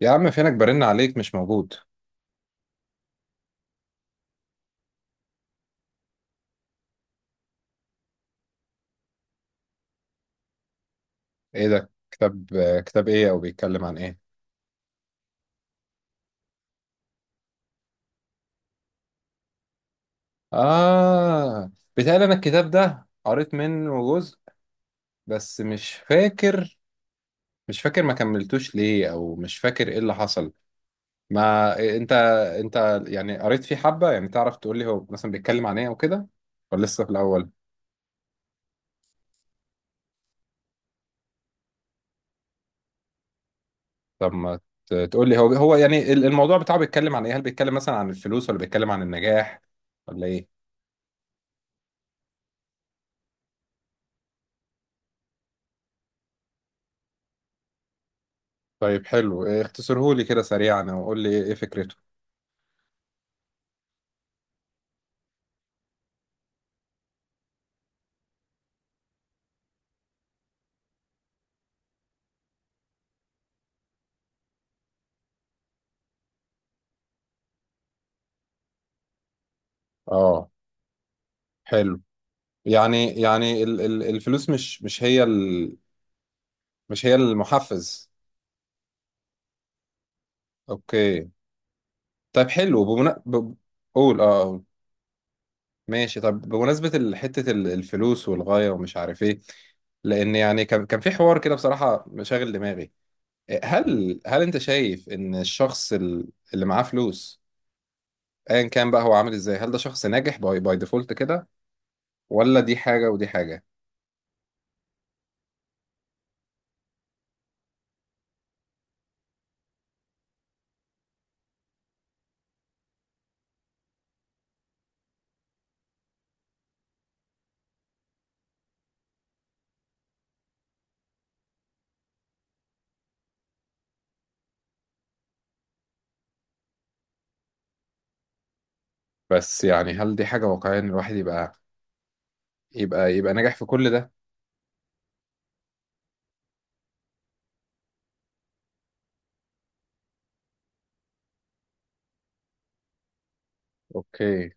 يا عم فينك برن عليك مش موجود. ايه ده كتاب؟ كتاب ايه او بيتكلم عن ايه؟ اه، بيتهيألي انا الكتاب ده قريت منه جزء، بس مش فاكر. مش فاكر ما كملتوش ليه او مش فاكر ايه اللي حصل. ما انت انت يعني قريت فيه حبة، يعني تعرف تقول لي هو مثلا بيتكلم عن ايه او كده؟ ولا لسه في الاول؟ طب ما تقول لي هو يعني الموضوع بتاعه بيتكلم عن ايه؟ هل بيتكلم مثلا عن الفلوس ولا بيتكلم عن النجاح ولا ايه؟ طيب حلو اختصرهولي كده سريعا او قول لي ايه فكرته. اه حلو. يعني الفلوس مش هي مش هي المحفز. اوكي. طيب حلو قول قول. ماشي. طب بمناسبة حتة الفلوس والغاية ومش عارف ايه، لان يعني كان في حوار كده بصراحة مشاغل دماغي. هل انت شايف ان الشخص اللي معاه فلوس، ايا كان بقى هو عامل ازاي، هل ده شخص ناجح باي ديفولت كده؟ ولا دي حاجة ودي حاجة؟ بس يعني هل دي حاجة واقعية ان الواحد يبقى ناجح في كل ده؟ اوكي.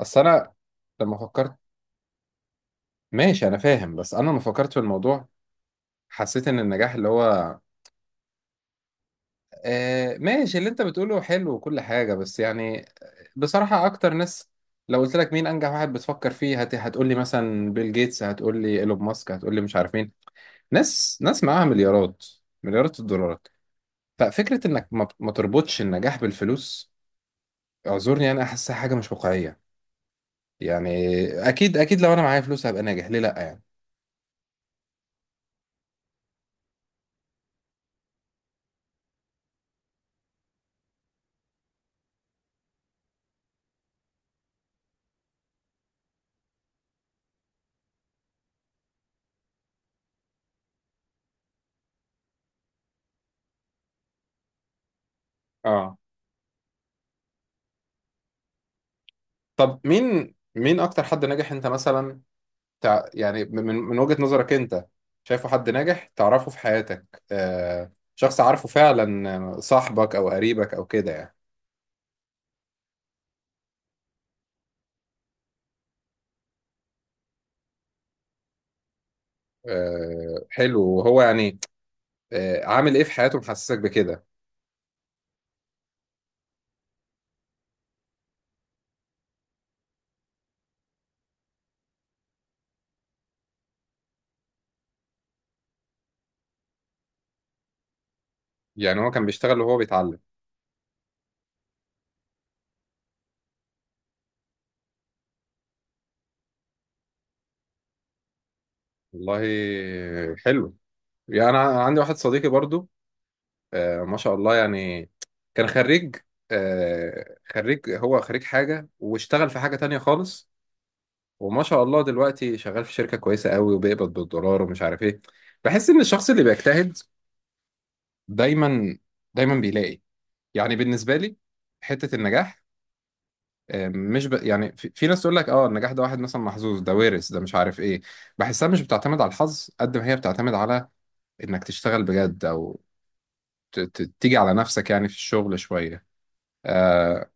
اصل انا لما فكرت، ماشي انا فاهم. بس انا لما فكرت في الموضوع حسيت ان النجاح اللي هو آه، ماشي اللي انت بتقوله حلو وكل حاجة، بس يعني بصراحة اكتر ناس، لو قلت لك مين انجح واحد بتفكر فيه، هتقول لي مثلا بيل جيتس، هتقول لي ايلون ماسك، هتقول لي مش عارف مين، ناس معاها مليارات، مليارات الدولارات. ففكرة انك ما تربطش النجاح بالفلوس، اعذرني انا احسها حاجة مش واقعية يعني. اكيد لو انا معايا فلوس هبقى ناجح، ليه لا يعني. اه. طب مين اكتر حد ناجح انت مثلا يعني من وجهة نظرك انت، شايفه حد ناجح تعرفه في حياتك، آه شخص عارفه فعلا، آه، صاحبك او قريبك او كده يعني؟ آه حلو. وهو يعني آه عامل ايه في حياته محسسك بكده؟ يعني هو كان بيشتغل وهو بيتعلم؟ والله حلو. يعني انا عندي واحد صديقي برضو، آه، ما شاء الله يعني، كان خريج، آه، خريج، هو خريج حاجة واشتغل في حاجة تانية خالص، وما شاء الله دلوقتي شغال في شركة كويسة قوي وبيقبض بالدولار ومش عارف ايه. بحس ان الشخص اللي بيجتهد دايما، بيلاقي. يعني بالنسبة لي حتة النجاح، آه، مش ب... يعني في ناس تقول لك اه النجاح ده واحد مثلا محظوظ، ده وارث، ده مش عارف ايه. بحسها مش بتعتمد على الحظ قد ما هي بتعتمد على انك تشتغل بجد، او تيجي على نفسك يعني في الشغل شوية. آه،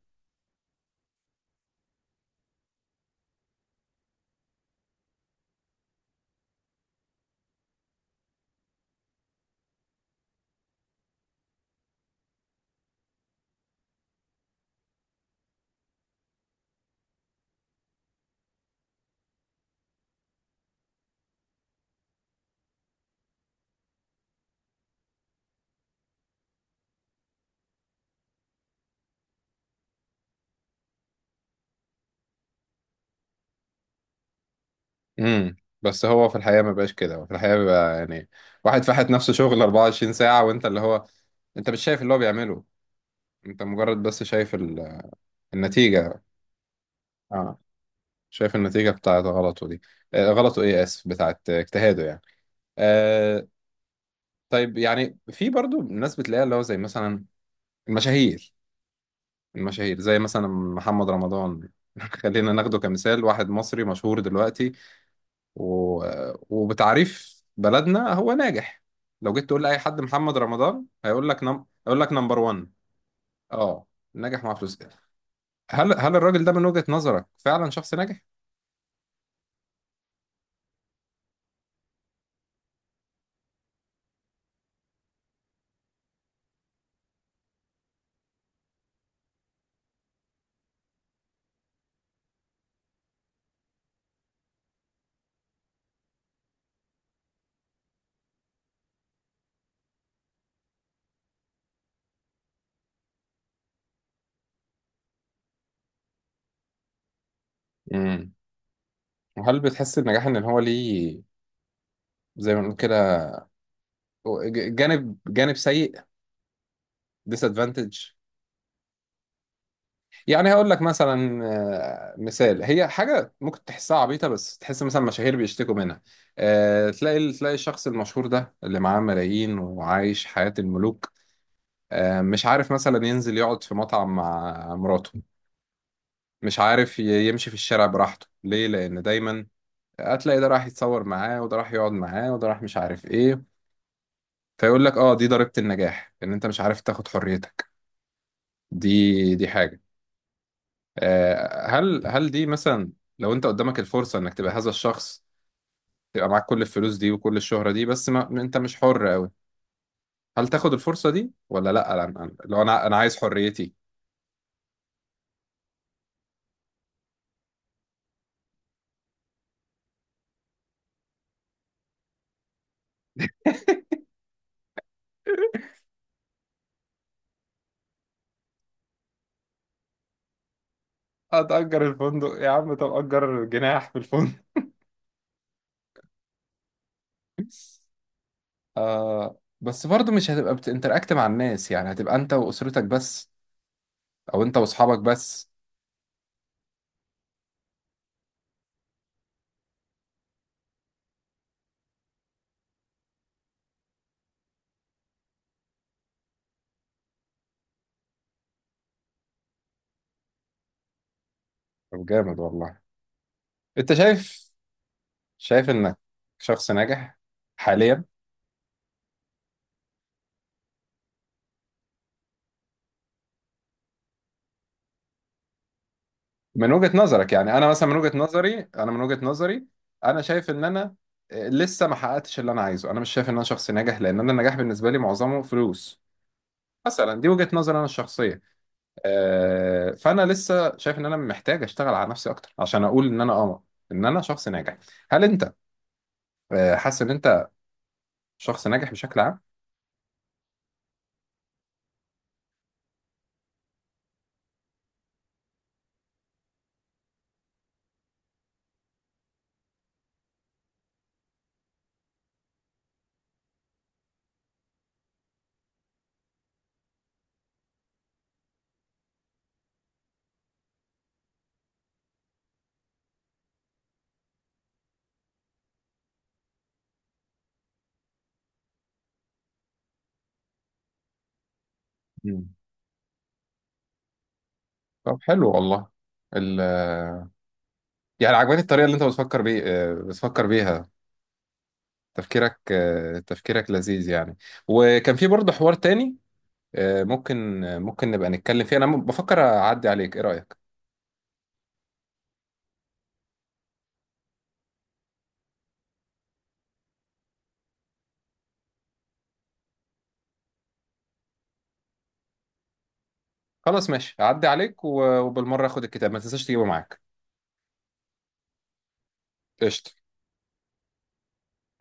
امم. بس هو في الحقيقة ما بقاش كده، هو في الحقيقة بيبقى يعني واحد فاحت نفسه شغل 24 ساعة، وانت اللي هو انت مش شايف اللي هو بيعمله. انت مجرد بس شايف النتيجة. اه شايف النتيجة بتاعت غلطه دي، آه غلطه ايه، اسف، بتاعت اجتهاده يعني. آه. طيب يعني في برضو ناس بتلاقيها اللي هو زي مثلا المشاهير، زي مثلا محمد رمضان. خلينا ناخده كمثال، واحد مصري مشهور دلوقتي، و... وبتعريف بلدنا هو ناجح. لو جيت تقول لأي حد محمد رمضان، هيقول لك نمبر 1. اه ناجح مع فلوس. هل الراجل ده من وجهة نظرك فعلا شخص ناجح؟ امم. وهل بتحس النجاح ان هو ليه، زي ما بنقول كده، جانب، سيء، disadvantage؟ يعني هقول لك مثلا، آه، مثال هي حاجه ممكن تحسها عبيطه بس تحس مثلا مشاهير بيشتكوا منها. آه، تلاقي الشخص المشهور ده اللي معاه ملايين وعايش حياه الملوك، آه، مش عارف مثلا ينزل يقعد في مطعم مع مراته، مش عارف يمشي في الشارع براحته، ليه؟ لان دايما هتلاقي ده راح يتصور معاه وده راح يقعد معاه وده راح مش عارف ايه. فيقول لك اه دي ضريبة النجاح، ان انت مش عارف تاخد حريتك. دي حاجة. آه، هل دي مثلا، لو انت قدامك الفرصة انك تبقى هذا الشخص، تبقى معاك كل الفلوس دي وكل الشهرة دي، بس ما انت مش حر قوي، هل تاخد الفرصة دي ولا لا؟ لو انا عايز حريتي. هتأجر الفندق يا عم، طب أجر جناح في الفندق. آه بس برضه مش هتبقى بتنتراكت مع الناس، يعني هتبقى انت واسرتك بس، او انت واصحابك بس. طب جامد والله. انت شايف، انك شخص ناجح حاليا، من وجهة نظرك يعني؟ انا مثلا من وجهة نظري، من وجهة نظري انا شايف ان انا آه، لسه ما حققتش اللي انا عايزه. انا مش شايف ان انا شخص ناجح، لان انا النجاح بالنسبة لي معظمه فلوس. مثلا دي وجهة نظري انا الشخصية. آه، فانا لسه شايف ان انا محتاج اشتغل على نفسي اكتر عشان اقول ان انا اه، ان انا شخص ناجح. هل انت آه، حاسس ان انت شخص ناجح بشكل عام؟ مم. طب حلو والله. ال يعني عجباني الطريقه اللي انت بتفكر بيه، آه، بتفكر بيها. تفكيرك آه، تفكيرك لذيذ يعني. وكان في برضه حوار تاني، آه، ممكن، آه، ممكن نبقى نتكلم فيه. انا بفكر اعدي عليك، ايه رايك؟ خلاص ماشي، اعدي عليك وبالمره اخد الكتاب، ما تنساش تجيبه معاك. قشطه.